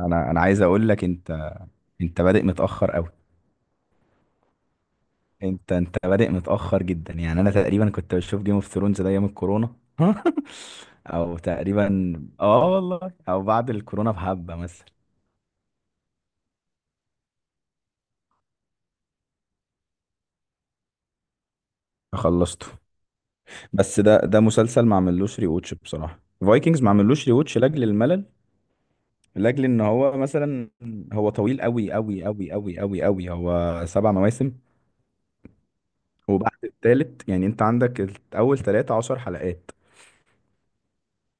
انا عايز اقول لك. انت بادئ متاخر قوي. انت بادئ متاخر جدا يعني. انا تقريبا كنت بشوف جيم اوف ثرونز ده ايام الكورونا. او تقريبا، اه والله، او بعد الكورونا بحبه مثلا. خلصته. بس ده مسلسل ما عملوش ري ووتش بصراحه. فايكنجز ما عملوش ري ووتش لاجل الملل، لاجل ان هو مثلا هو طويل قوي قوي قوي قوي قوي قوي. هو 7 مواسم، وبعد التالت يعني انت عندك اول 13 حلقات،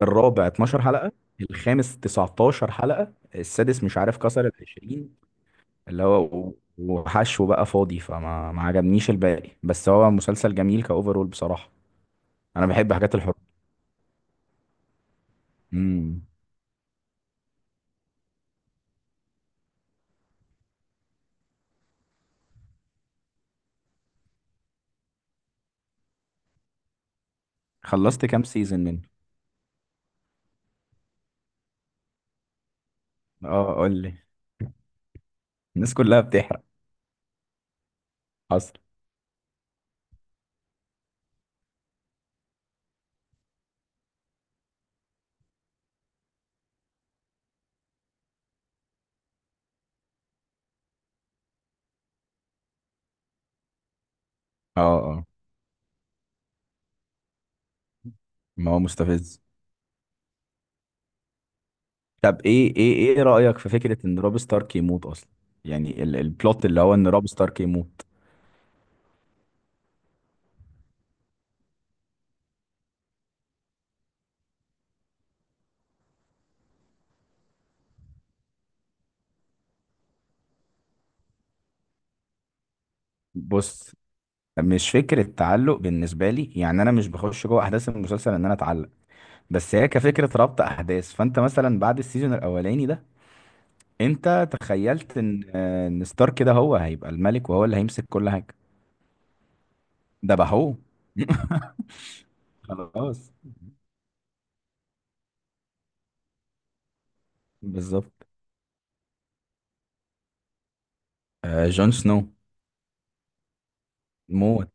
الرابع 12 حلقة، الخامس 19 حلقة، السادس مش عارف كسر ال 20، اللي هو وحشو بقى فاضي، فما ما عجبنيش الباقي، بس هو مسلسل جميل كأوفرول بصراحة. أنا بحب حاجات الحب. امم. خلصت كام سيزون منه؟ اه، قول لي. الناس كلها بتحرق. حصل. اه، اه. ما هو مستفز. طب ايه رأيك في فكرة ان روب ستارك يموت اصلا؟ يعني البلوت اللي هو ان روب ستارك يموت. بص، مش فكرة تعلق بالنسبة لي، يعني أنا مش بخش جوه أحداث المسلسل إن أنا أتعلق. بس هي كفكرة ربط أحداث، فأنت مثلا بعد السيزون الأولاني ده أنت تخيلت إن ستارك كده هو هيبقى الملك وهو اللي هيمسك كل حاجة. ده بقى هو. خلاص. بالظبط. آه، جون سنو. موت.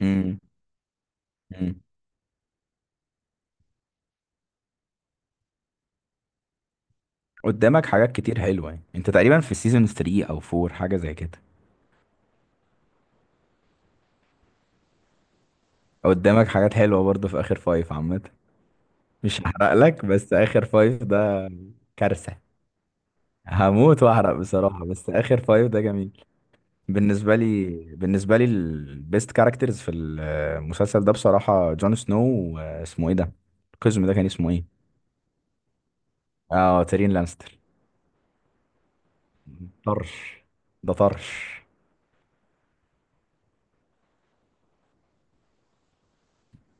مم. مم. قدامك حاجات كتير حلوة يعني. أنت تقريبا في سيزون 3 أو 4 حاجة زي كده. قدامك حاجات حلوة برضه في آخر فايف عامة. مش هحرق لك، بس آخر فايف ده كارثة. هموت واحرق بصراحة، بس آخر فايف ده جميل بالنسبة لي. بالنسبة لي البيست كاركترز في المسلسل ده بصراحة جون سنو. واسمه ايه ده؟ القزم ده كان اسمه ايه؟ اه، تيرين لانستر. طرش. ده طرش.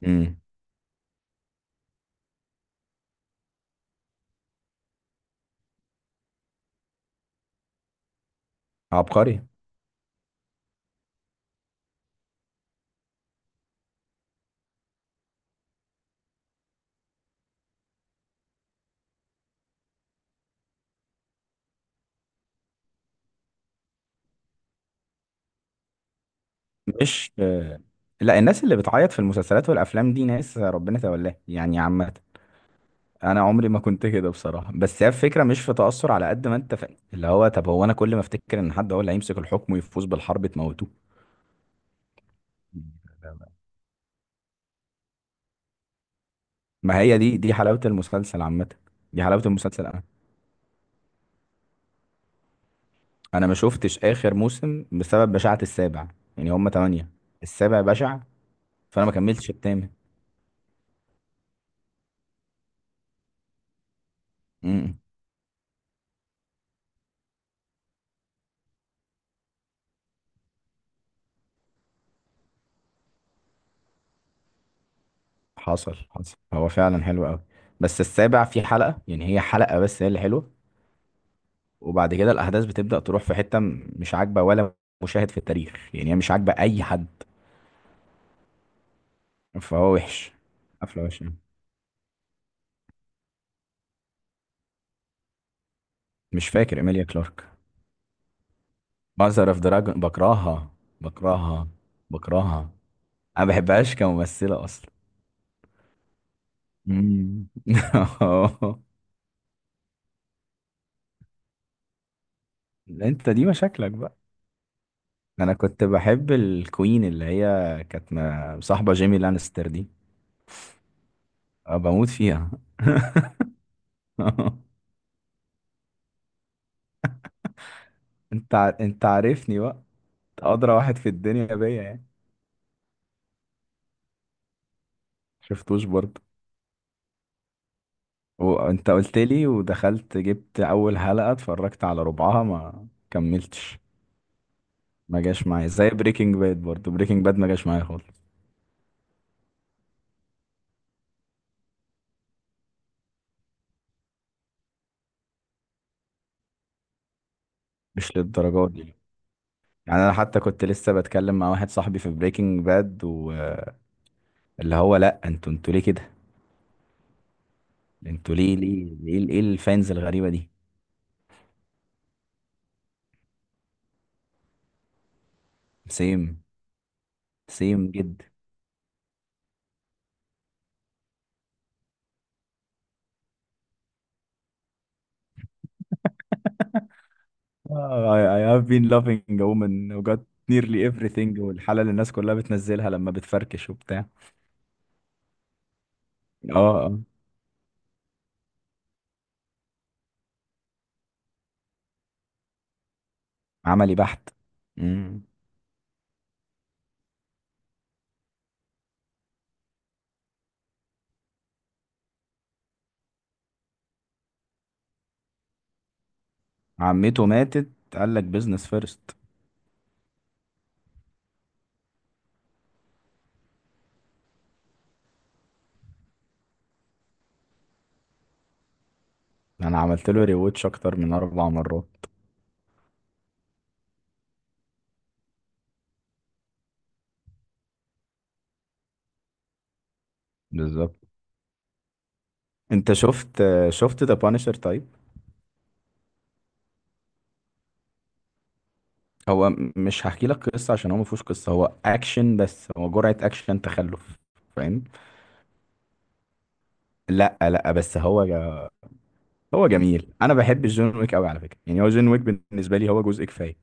امم. عبقري. مش آه، لا، الناس اللي بتعيط في المسلسلات والافلام دي ناس ربنا تولاها يعني عامة. انا عمري ما كنت كده بصراحة، بس هي الفكرة مش في تأثر على قد ما انت اللي هو، طب هو، انا كل ما افتكر ان حد هو اللي هيمسك الحكم ويفوز بالحرب تموتوه. ما هي دي حلاوة المسلسل عامة. دي حلاوة المسلسل. أنا ما شفتش آخر موسم بسبب بشاعة السابع، يعني هما 8. السابع بشع، فأنا ما كملتش التامن. امم. إمم. حصل، حصل هو فعلا حلو أوي. بس السابع فيه حلقة يعني، هي حلقة بس هي اللي حلوة. وبعد كده الأحداث بتبدأ تروح في حتة مش عاجبة، ولا مشاهد في التاريخ يعني. هي مش عاجبة أي حد. فهو وحش. قفلة وحشة. مش فاكر إيميليا كلارك. ماذر أوف دراجون، بكرهها. بكرهها. بكرهها. انا ما بحبهاش كممثله اصلا. مم. انت دي مشاكلك بقى. انا كنت بحب الكوين اللي هي كانت مصاحبه جيمي لانستر دي. أنا بموت فيها. انت عارفني بقى. أنت ادرى واحد في الدنيا بيا يعني. شفتوش برضه. وانت قلت لي، ودخلت جبت اول حلقه، اتفرجت على ربعها ما كملتش. ما جاش معايا زي بريكنج باد برضه. بريكنج باد ما جاش معايا خالص. مش للدرجه دي. يعني انا حتى كنت لسه بتكلم مع واحد صاحبي في بريكنج باد واللي هو، لا، انتوا ليه كده؟ انتوا ليه ليه؟ ايه الفانز الغريبة دي؟ سيم. سيم جدا. I have been loving a woman who got nearly everything، والحالة اللي الناس كلها بتنزلها لما بتفركش وبتاع. اه، اه. عملي بحت. مم. عمته ماتت، قال لك بيزنس فيرست. انا عملت له ريوتش اكتر من 4 مرات. بالظبط. انت شفت ذا بانشر طيب؟ هو مش هحكي لك قصه عشان هو ما فيهوش قصه. هو اكشن بس، هو جرعه اكشن تخلف. فاهم. لا، لا، بس هو هو جميل. انا بحب جون ويك قوي على فكره يعني. هو جون ويك بالنسبه لي هو جزء كفايه.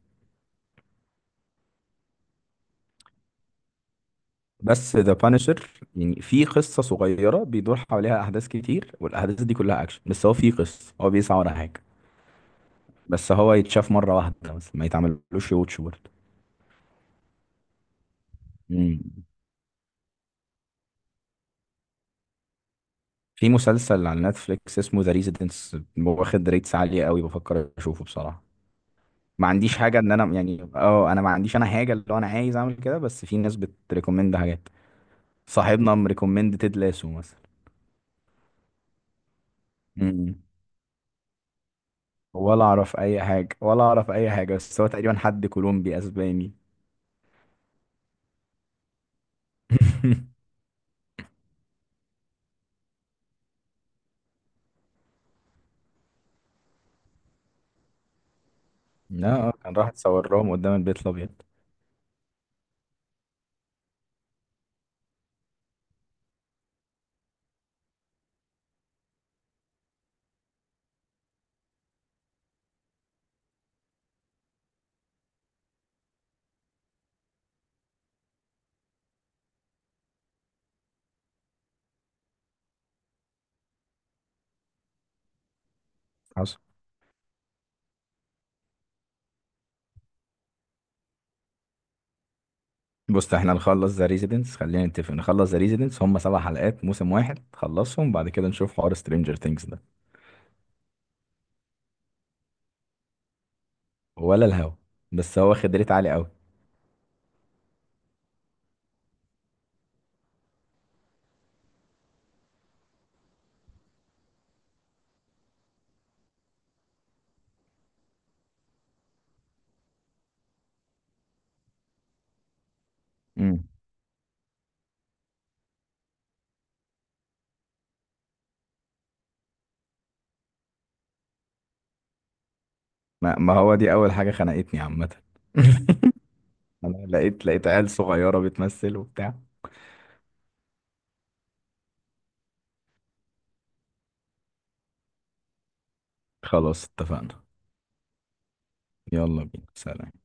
بس ذا بانشر، يعني في قصه صغيره بيدور حواليها احداث كتير، والاحداث دي كلها اكشن، بس هو في قصه، هو بيسعى ورا حاجه. بس هو يتشاف مره واحده بس، ما يتعملوش واتش برضه. مم. في مسلسل على نتفليكس اسمه ذا ريزيدنس واخد ريتس عاليه قوي، بفكر اشوفه بصراحه. ما عنديش حاجه ان انا يعني، اه، انا ما عنديش انا حاجه اللي هو انا عايز اعمل كده، بس في ناس بتريكومند حاجات. صاحبنا مريكومند تيد لاسو مثلا. امم. ولا اعرف اي حاجه، ولا اعرف اي حاجه، بس هو تقريبا حد كولومبي اسباني. لا، كان راح اتصور لهم قدام البيت الابيض. حصل. بص، احنا نخلص ذا ريزيدنس، خلينا نتفق نخلص ذا ريزيدنس، هم 7 حلقات موسم واحد، خلصهم بعد كده نشوف حوار سترينجر ثينجز ده. ولا الهوا. بس هو واخد ريت عالي قوي. امم. ما هو دي اول حاجه خنقتني عامه. انا لقيت عيال صغيرة بتمثل وبتاع. خلاص، اتفقنا. يلا بينا، سلام.